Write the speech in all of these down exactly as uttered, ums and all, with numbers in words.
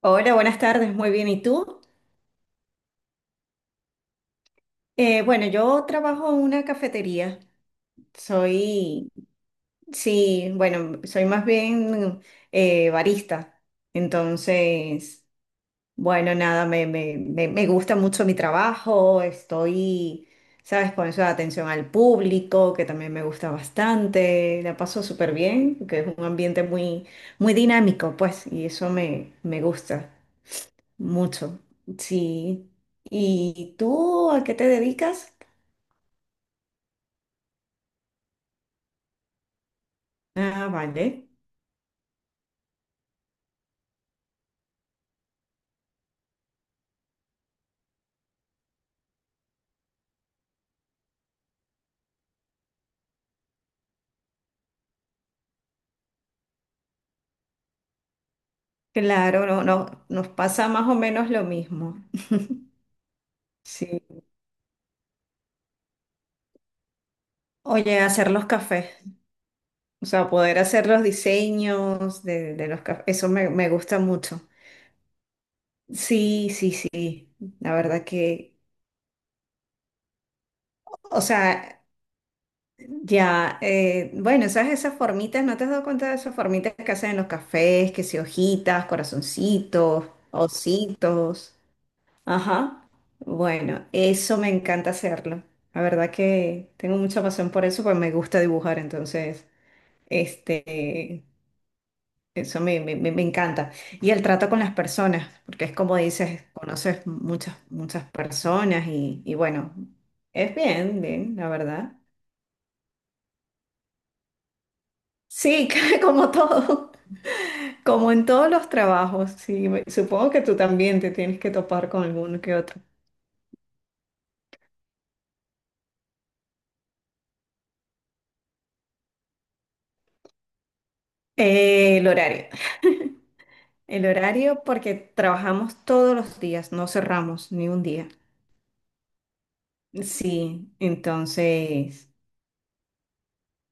Hola, buenas tardes, muy bien. ¿Y tú? Eh, bueno, yo trabajo en una cafetería. Soy, sí, bueno, soy más bien eh, barista. Entonces, bueno, nada, me, me, me, me gusta mucho mi trabajo. Estoy, ¿sabes? Con eso de atención al público, que también me gusta bastante. La paso súper bien, que es un ambiente muy, muy dinámico, pues, y eso me, me gusta. Mucho, sí. ¿Y tú a qué te dedicas? Ah, vale. Claro, no, no, nos pasa más o menos lo mismo. Sí. Oye, hacer los cafés, o sea, poder hacer los diseños de, de los cafés, eso me, me gusta mucho. Sí, sí, sí. La verdad que, o sea, ya, eh, bueno, ¿sabes esas formitas? ¿No te has dado cuenta de esas formitas que hacen en los cafés? Que si hojitas, corazoncitos, ositos. Ajá. Bueno, eso me encanta hacerlo. La verdad que tengo mucha pasión por eso, pues me gusta dibujar, entonces, este, eso me, me- me- me encanta. Y el trato con las personas, porque es como dices, conoces muchas, muchas personas y, y bueno, es bien, bien, la verdad. Sí, como todo, como en todos los trabajos, sí, me- supongo que tú también te tienes que topar con alguno que otro. Eh, el horario. El horario, porque trabajamos todos los días, no cerramos ni un día. Sí, entonces,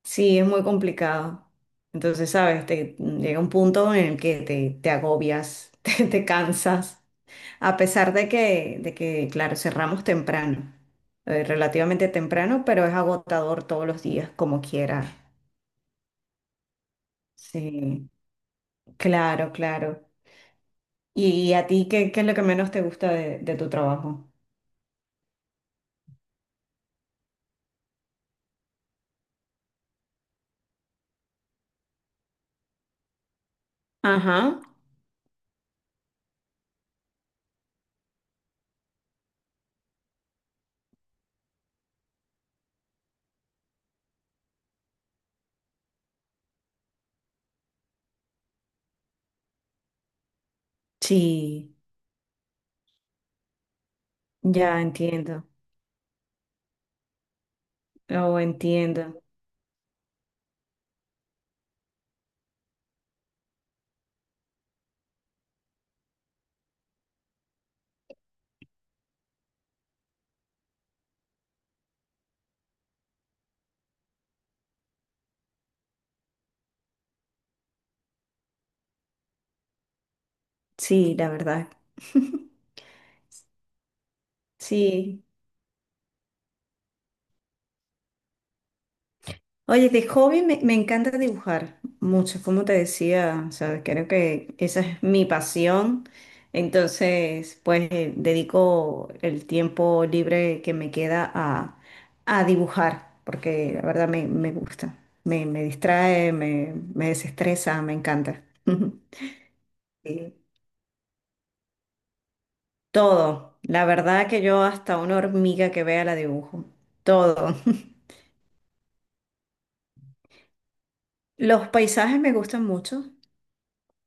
sí, es muy complicado. Entonces, sabes, te, llega un punto en el que te, te agobias, te, te cansas, a pesar de que, de que, claro, cerramos temprano, eh, relativamente temprano, pero es agotador todos los días, como quiera. Sí, claro, claro. ¿Y a ti qué, qué es lo que menos te gusta de, de tu trabajo? Ajá, sí. Ya entiendo, oh, entiendo. Sí, la verdad. Sí. Oye, de hobby me, me encanta dibujar mucho, como te decía, o sea, creo que esa es mi pasión. Entonces, pues eh, dedico el tiempo libre que me queda a, a dibujar, porque la verdad me, me gusta, me, me distrae, me, me desestresa, me encanta. Sí. Todo. La verdad que yo hasta una hormiga que vea la dibujo. Todo. Los paisajes me gustan mucho,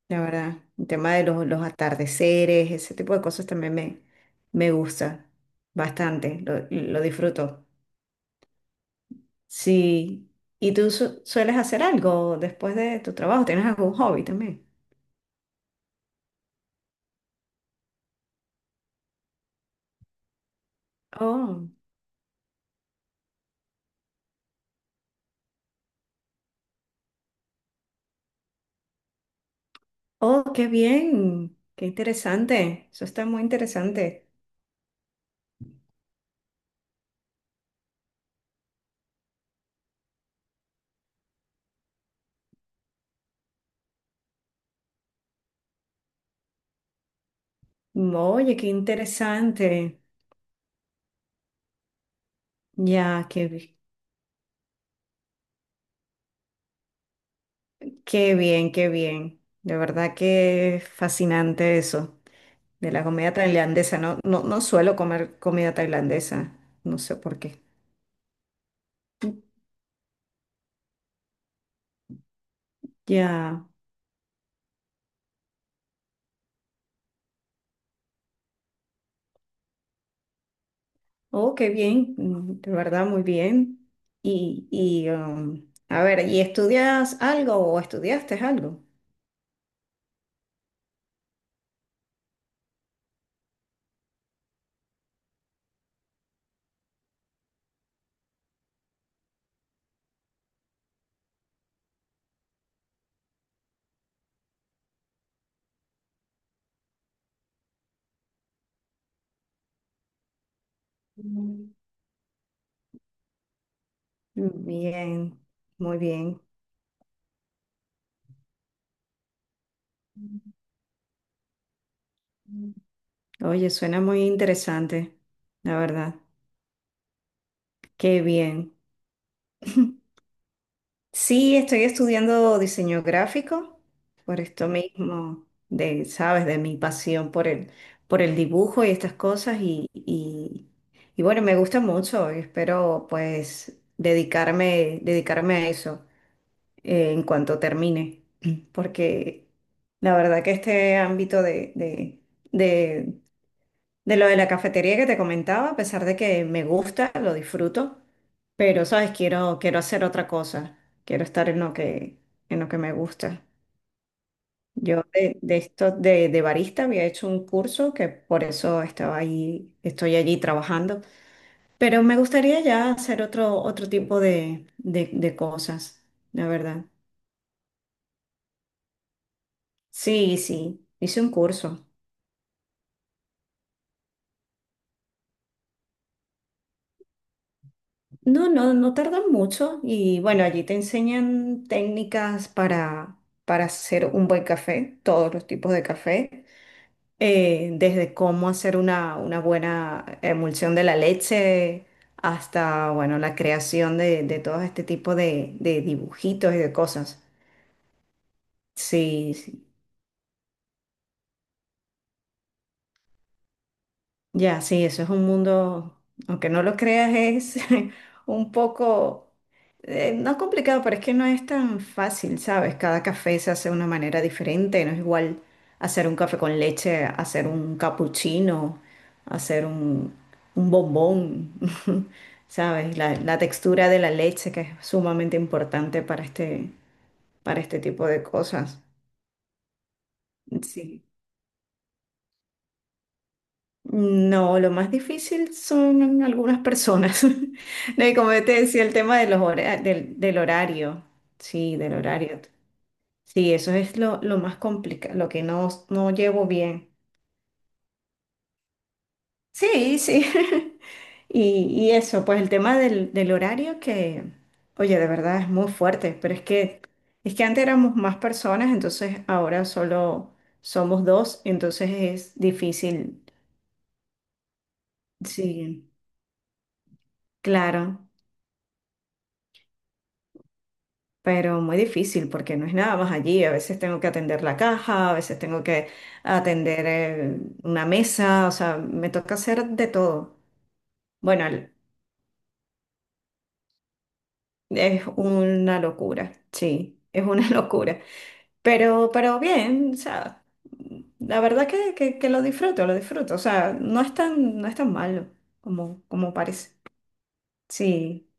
la verdad. El tema de los, los atardeceres, ese tipo de cosas también me, me gusta bastante. Lo, lo disfruto. Sí. ¿Y tú su- sueles hacer algo después de tu trabajo? ¿Tienes algún hobby también? Oh, oh, qué bien. Qué interesante. Eso está muy interesante. Oye, qué interesante. Ya, qué. Qué bien, qué bien. De verdad que es fascinante eso de la comida tailandesa. No, no, no suelo comer comida tailandesa. No sé por qué. Ya. Oh, qué bien. Mm, de verdad, muy bien. Y, y um, a ver, ¿y estudias algo o estudiaste algo? Mm. Bien, muy bien. Oye, suena muy interesante, la verdad. Qué bien. Sí, estoy estudiando diseño gráfico por esto mismo, de, sabes, de mi pasión por el, por el dibujo y estas cosas y, y, y bueno, me gusta mucho y espero pues dedicarme, dedicarme a eso eh, en cuanto termine, porque la verdad que este ámbito de, de, de lo de la cafetería que te comentaba, a pesar de que me gusta, lo disfruto, pero sabes, quiero, quiero hacer otra cosa. Quiero estar en lo que, en lo que me gusta. Yo de, de esto de, de barista había hecho un curso que por eso estaba ahí, estoy allí trabajando. Pero me gustaría ya hacer otro, otro tipo de, de, de cosas, la verdad. Sí, sí, hice un curso. No, no, no tardan mucho y bueno, allí te enseñan técnicas para, para hacer un buen café, todos los tipos de café, eh, desde cómo hacer una, una buena emulsión de la leche hasta, bueno, la creación de, de todo este tipo de, de dibujitos y de cosas. Sí, sí. Ya, sí, eso es un mundo, aunque no lo creas, es un poco, eh, no complicado, pero es que no es tan fácil, ¿sabes? Cada café se hace de una manera diferente, no es igual hacer un café con leche, hacer un cappuccino, hacer un, un bombón, ¿sabes? La, la textura de la leche que es sumamente importante para este, para este tipo de cosas. Sí. No, lo más difícil son algunas personas. No, y como te decía, el tema de los hora- del, del horario. Sí, del horario. Sí, eso es lo, lo más complicado, lo que no, no llevo bien. Sí, sí. Y, y eso, pues el tema del, del horario que, oye, de verdad es muy fuerte, pero es que, es que antes éramos más personas, entonces ahora solo somos dos, entonces es difícil. Sí, claro. Pero muy difícil porque no es nada más allí. A veces tengo que atender la caja, a veces tengo que atender eh, una mesa, o sea, me toca hacer de todo. Bueno, el- es una locura, sí, es una locura, pero, pero bien, o sea, la verdad que, que, que lo disfruto, lo disfruto, o sea, no es tan, no es tan malo como, como parece. Sí,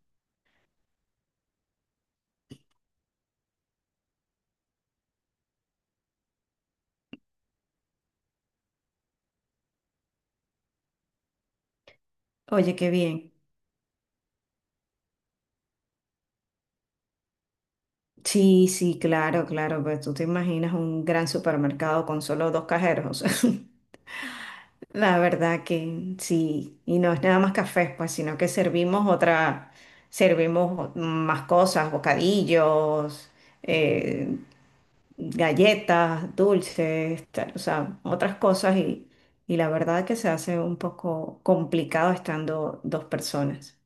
oye, qué bien. Sí, sí, claro, claro, pues tú te imaginas un gran supermercado con solo dos cajeros. La verdad que sí, y no es nada más café, pues, sino que servimos otra, servimos más cosas, bocadillos, eh, galletas, dulces, tal, o sea, otras cosas y, y la verdad que se hace un poco complicado estando dos personas.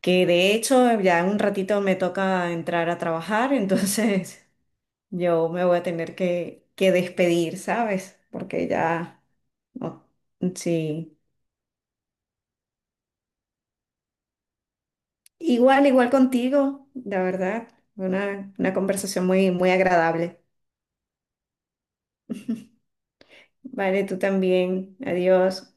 Que de hecho ya en un ratito me toca entrar a trabajar, entonces yo me voy a tener que, que despedir, ¿sabes? Porque ya... no- Sí, igual, igual contigo, la verdad. Una, una conversación muy, muy agradable. Vale, tú también. Adiós.